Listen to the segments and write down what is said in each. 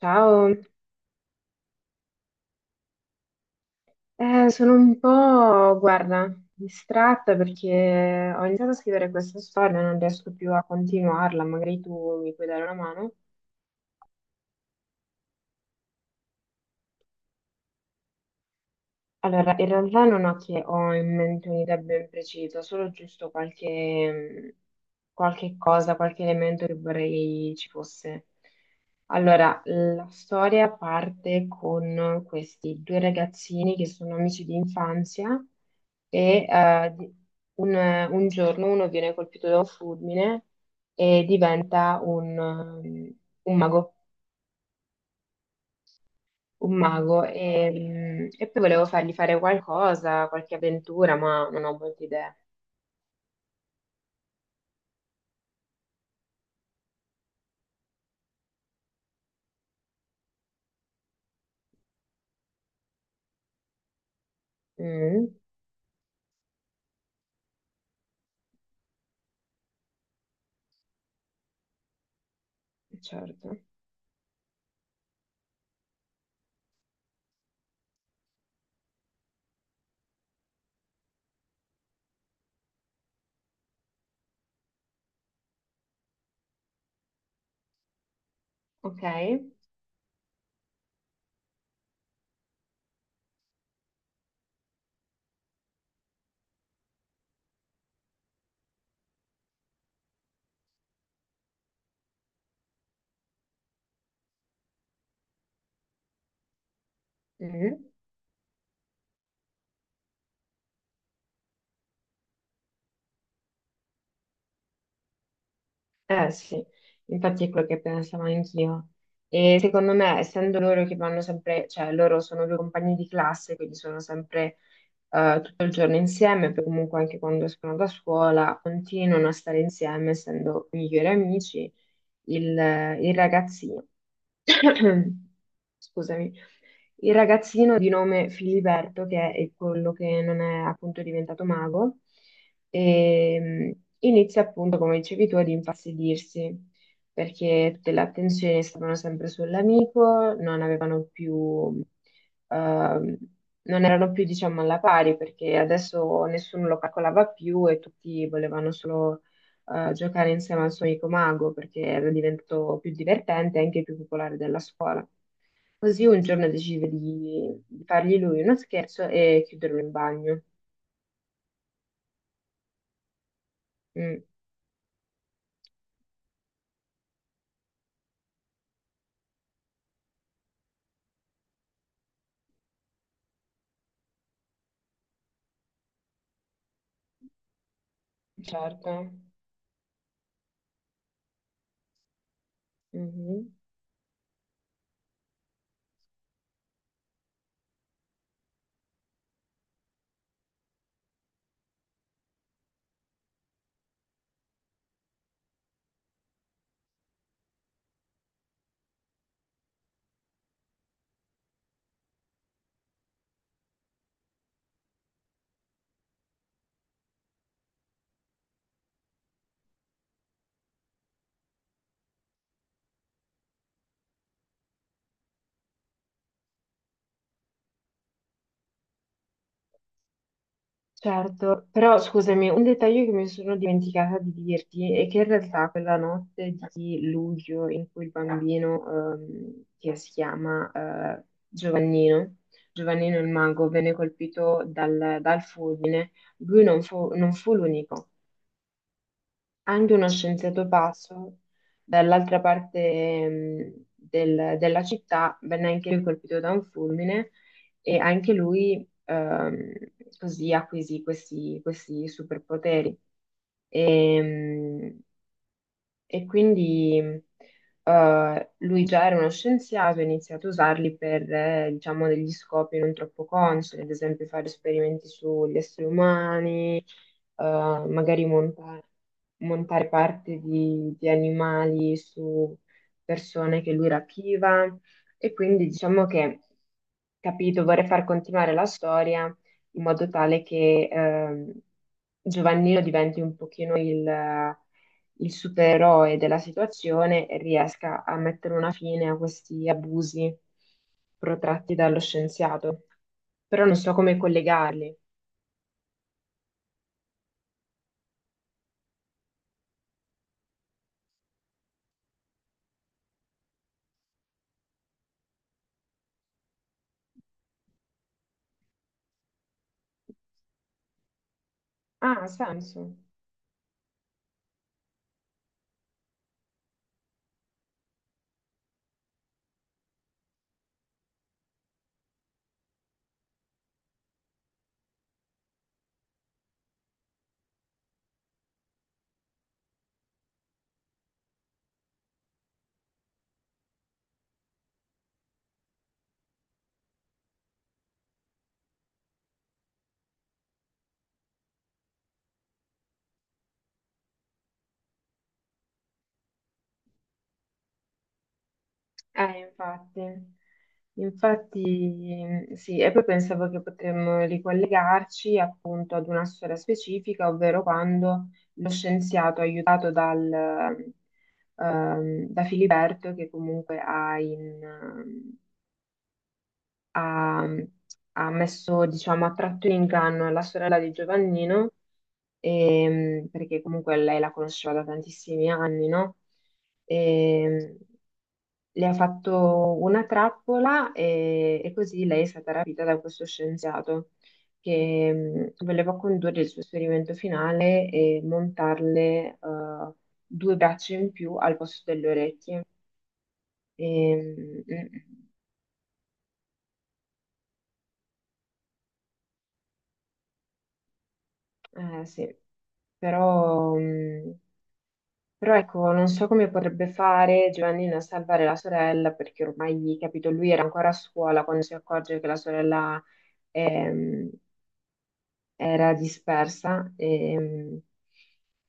Ciao. Sono un po', guarda, distratta perché ho iniziato a scrivere questa storia e non riesco più a continuarla, magari tu mi puoi dare una mano. Allora, in realtà non ho che ho in mente un'idea ben precisa, solo giusto qualche cosa, qualche elemento che vorrei ci fosse. Allora, la storia parte con questi due ragazzini che sono amici di infanzia e un, un giorno uno viene colpito da un fulmine e diventa un mago, un mago e, e poi volevo fargli fare qualcosa, qualche avventura, ma non ho molte idee. Mm, certo, ok. Mm. Eh sì, infatti è quello che pensavo anch'io. E secondo me, essendo loro che vanno sempre, cioè loro sono due compagni di classe, quindi sono sempre tutto il giorno insieme, poi comunque anche quando escono da scuola continuano a stare insieme, essendo migliori amici. Il ragazzino, scusami, il ragazzino di nome Filiberto, che è quello che non è appunto diventato mago, e, inizia appunto, come dicevi tu, ad infastidirsi, perché tutte le attenzioni stavano sempre sull'amico, non avevano più ehm, non erano più, diciamo, alla pari perché adesso nessuno lo calcolava più e tutti volevano solo giocare insieme al suo amico mago perché era diventato più divertente e anche più popolare della scuola. Così un giorno decide di fargli lui uno scherzo e chiuderlo in bagno. Mm, certo. Mhm. Certo, però scusami, un dettaglio che mi sono dimenticata di dirti è che in realtà quella notte di luglio in cui il bambino, che si chiama, Giovannino, Giovannino il mago, venne colpito dal fulmine, lui non fu l'unico. Anche uno scienziato pazzo dall'altra parte, della città, venne anche lui colpito da un fulmine e anche lui, così acquisì questi superpoteri. E, mh, e quindi lui già era uno scienziato e ha iniziato a usarli per, diciamo, degli scopi non troppo consoni, ad esempio fare esperimenti sugli esseri umani, magari monta- montare parte di animali su persone che lui rapiva. E quindi diciamo che, capito, vorrei far continuare la storia in modo tale che, Giovannino diventi un pochino il supereroe della situazione e riesca a mettere una fine a questi abusi protratti dallo scienziato. Però non so come collegarli. Ah, ha senso. Infatti. Infatti, sì, e poi pensavo che potremmo ricollegarci appunto ad una storia specifica, ovvero quando lo scienziato aiutato da Filiberto, che comunque ha, ha messo, diciamo, ha tratto in inganno la sorella di Giovannino, perché comunque lei la conosceva da tantissimi anni, no? Ehm, le ha fatto una trappola e così lei è stata rapita da questo scienziato che, voleva condurre il suo esperimento finale e montarle, due braccia in più al posto delle orecchie. E, mh, eh, sì, però, però ecco, non so come potrebbe fare Giovannina a salvare la sorella, perché ormai, capito, lui era ancora a scuola quando si accorge che la sorella, ehm, era dispersa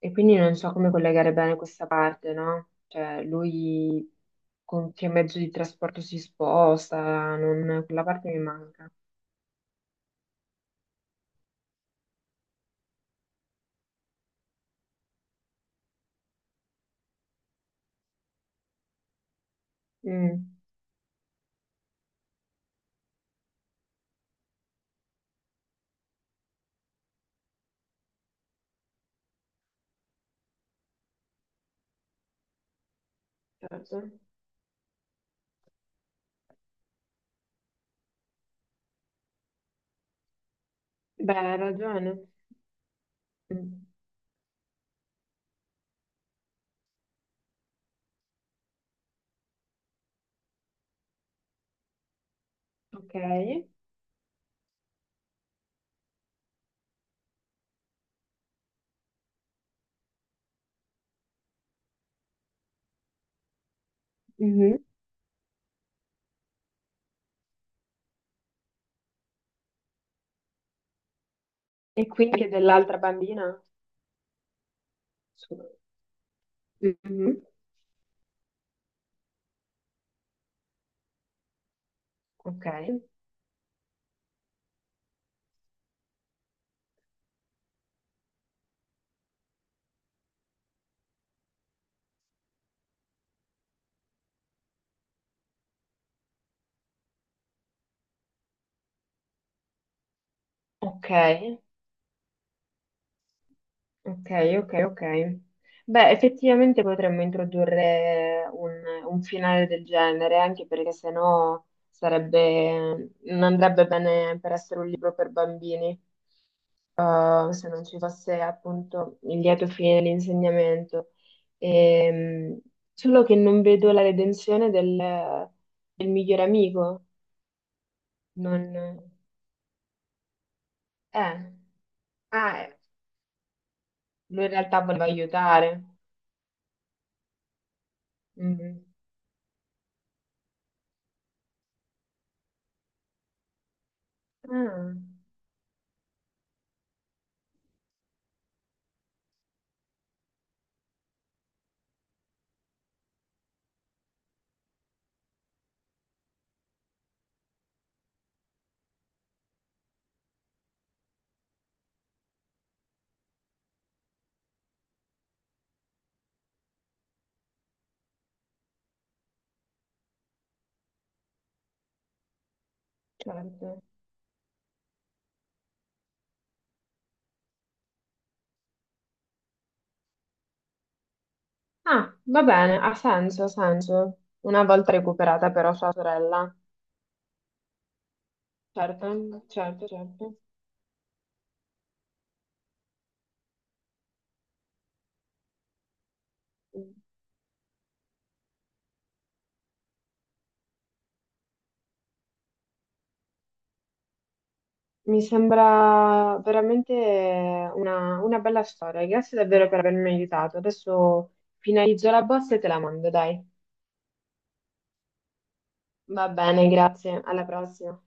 e quindi non so come collegare bene questa parte, no? Cioè, lui con che mezzo di trasporto si sposta, quella parte mi manca. Mm, certo. Beh, hai ragione. Mm. Ok. E quindi anche dell'altra bambina? Su- Mhm. Ok, ok, ok, ok, ok. Beh, effettivamente potremmo introdurre un finale del genere, anche perché sennò sarebbe, non andrebbe bene per essere un libro per bambini, se non ci fosse appunto il lieto fine, l'insegnamento. Ehm, Solo che non vedo la redenzione del miglior amico. Non... Eh, ah, eh, lui in realtà voleva aiutare. Mm. Ah, certo. Ah, va bene, ha senso, ha senso. Una volta recuperata però sua sorella. Certo, certo, certo. Mi sembra veramente una bella storia. Grazie davvero per avermi aiutato. Adesso finalizzo la bozza e te la mando, dai. Va bene, grazie. Alla prossima.